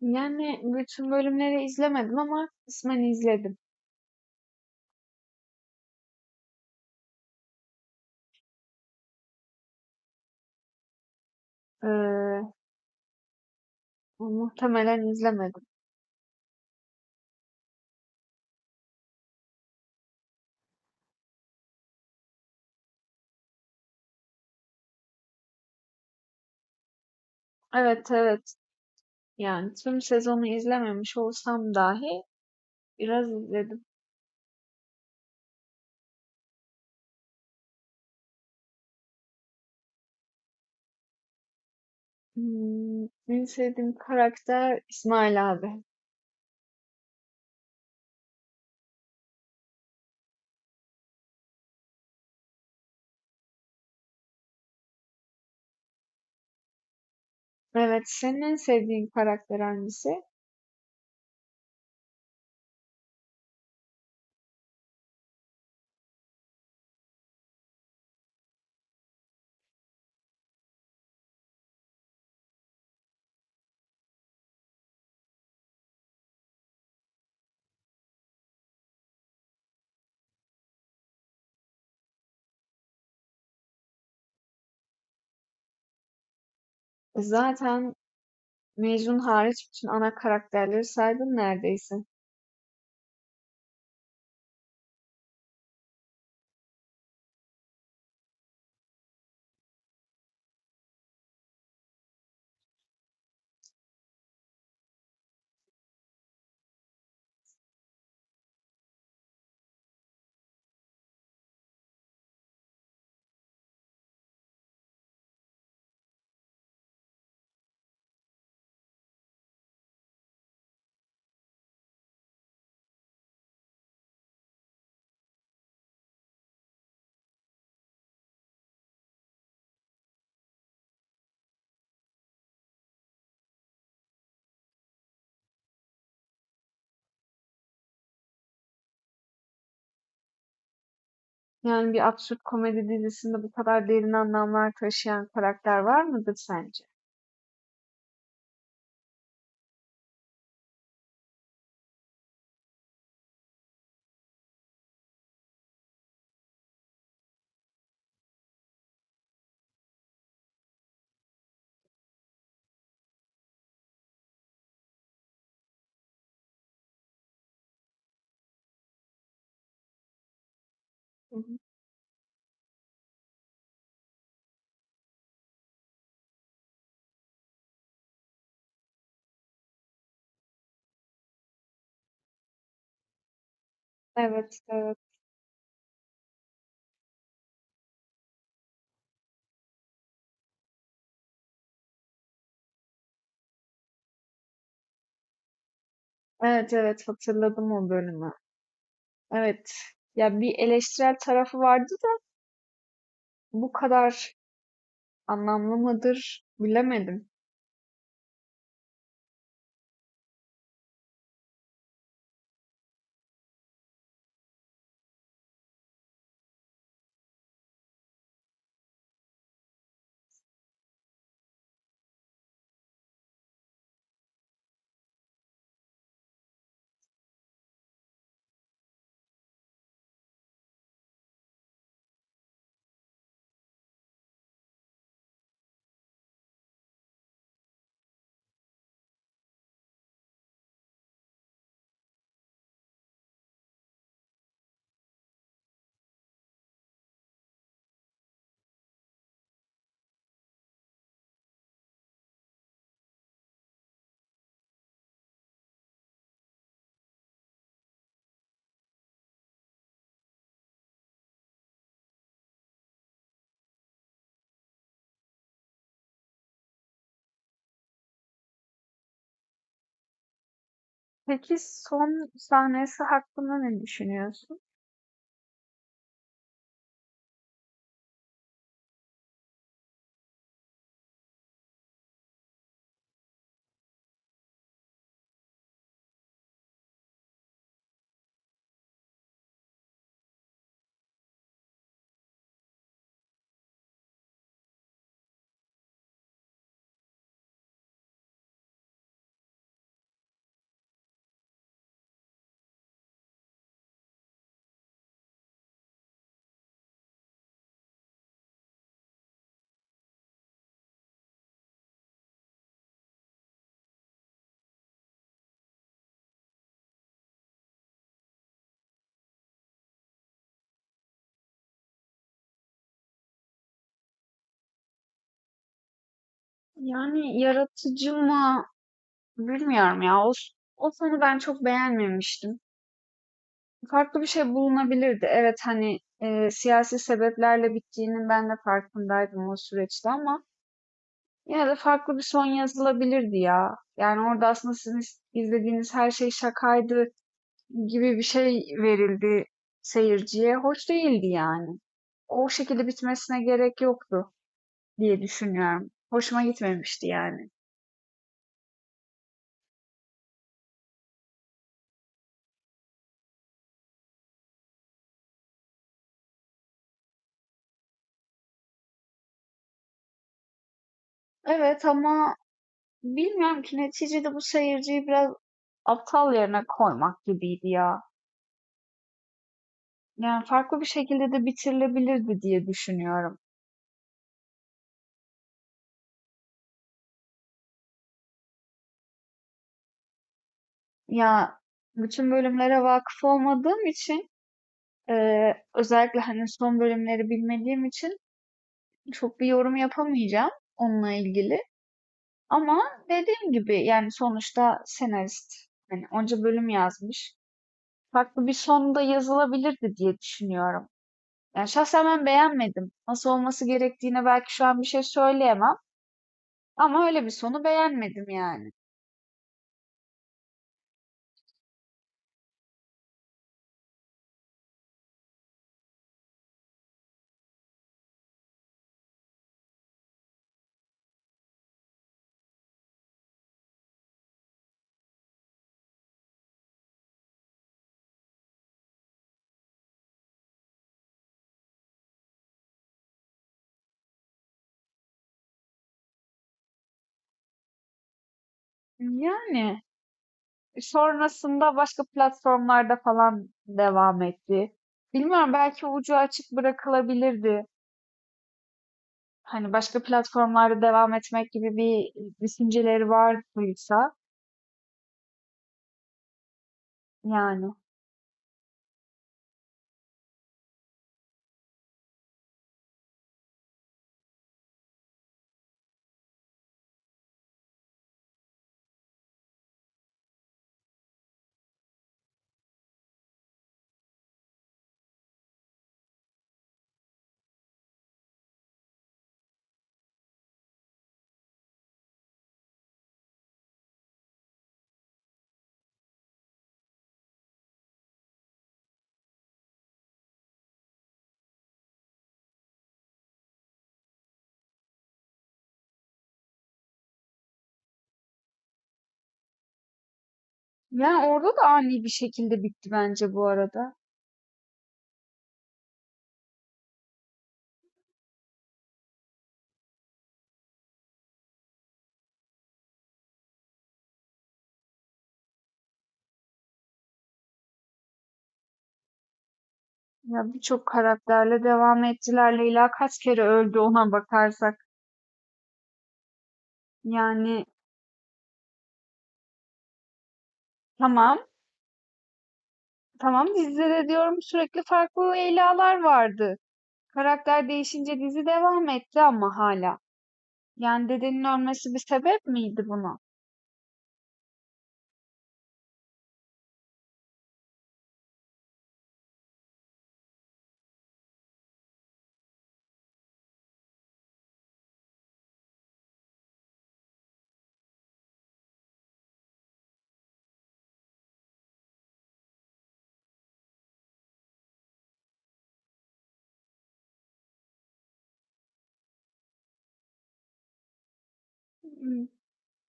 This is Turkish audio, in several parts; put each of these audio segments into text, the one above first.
Yani, bütün bölümleri izlemedim ama kısmen izledim. Eee, muhtemelen izlemedim. Evet, evet. Yani tüm sezonu izlememiş olsam dahi biraz izledim. En sevdiğim karakter İsmail abi. Evet, senin en sevdiğin karakter hangisi? Zaten Mecnun hariç bütün ana karakterleri saydın neredeyse. Yani bir absürt komedi dizisinde bu kadar derin anlamlar taşıyan karakter var mıdır sence? Hı hı. Evet, evet. Evet, evet, hatırladım o bölümü. Evet. Ya bir eleştirel tarafı vardı da bu kadar anlamlı mıdır bilemedim. Peki son sahnesi hakkında ne düşünüyorsun? Yani yaratıcı mı bilmiyorum ya. O, o sonu ben çok beğenmemiştim. Farklı bir şey bulunabilirdi. Evet hani e, siyasi sebeplerle bittiğinin ben de farkındaydım o süreçte ama yine de farklı bir son yazılabilirdi ya. Yani orada aslında sizin izlediğiniz her şey şakaydı gibi bir şey verildi seyirciye. Hoş değildi yani. O şekilde bitmesine gerek yoktu diye düşünüyorum. Hoşuma gitmemişti yani. Evet ama bilmiyorum ki neticede bu seyirciyi biraz aptal yerine koymak gibiydi ya. Yani farklı bir şekilde de bitirilebilirdi diye düşünüyorum. Ya bütün bölümlere vakıf olmadığım için özellikle hani son bölümleri bilmediğim için çok bir yorum yapamayacağım onunla ilgili. Ama dediğim gibi yani sonuçta senarist hani onca bölüm yazmış. Farklı bir sonda yazılabilirdi diye düşünüyorum. Yani şahsen ben beğenmedim. Nasıl olması gerektiğine belki şu an bir şey söyleyemem. Ama öyle bir sonu beğenmedim yani. Yani sonrasında başka platformlarda falan devam etti. Bilmiyorum belki ucu açık bırakılabilirdi. Hani başka platformlarda devam etmek gibi bir düşünceleri vardıysa yani. Yani orada da ani bir şekilde bitti bence bu arada. Ya birçok karakterle devam ettiler. Leyla kaç kere öldü ona bakarsak. Yani tamam tamam dizide de diyorum sürekli farklı Leyla'lar vardı. Karakter değişince dizi devam etti ama hala. Yani dedenin ölmesi bir sebep miydi buna?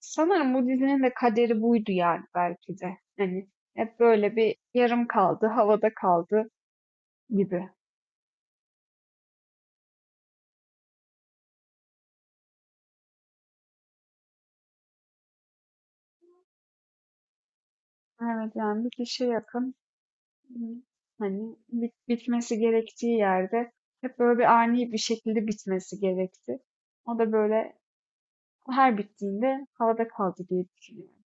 Sanırım bu dizinin de kaderi buydu yani belki de. Hani hep böyle bir yarım kaldı, havada kaldı gibi. Evet yani bir kişi yakın hı, hani bitmesi gerektiği yerde hep böyle bir ani bir şekilde bitmesi gerekti. O da böyle her bittiğinde havada kaldı diye düşünüyorum.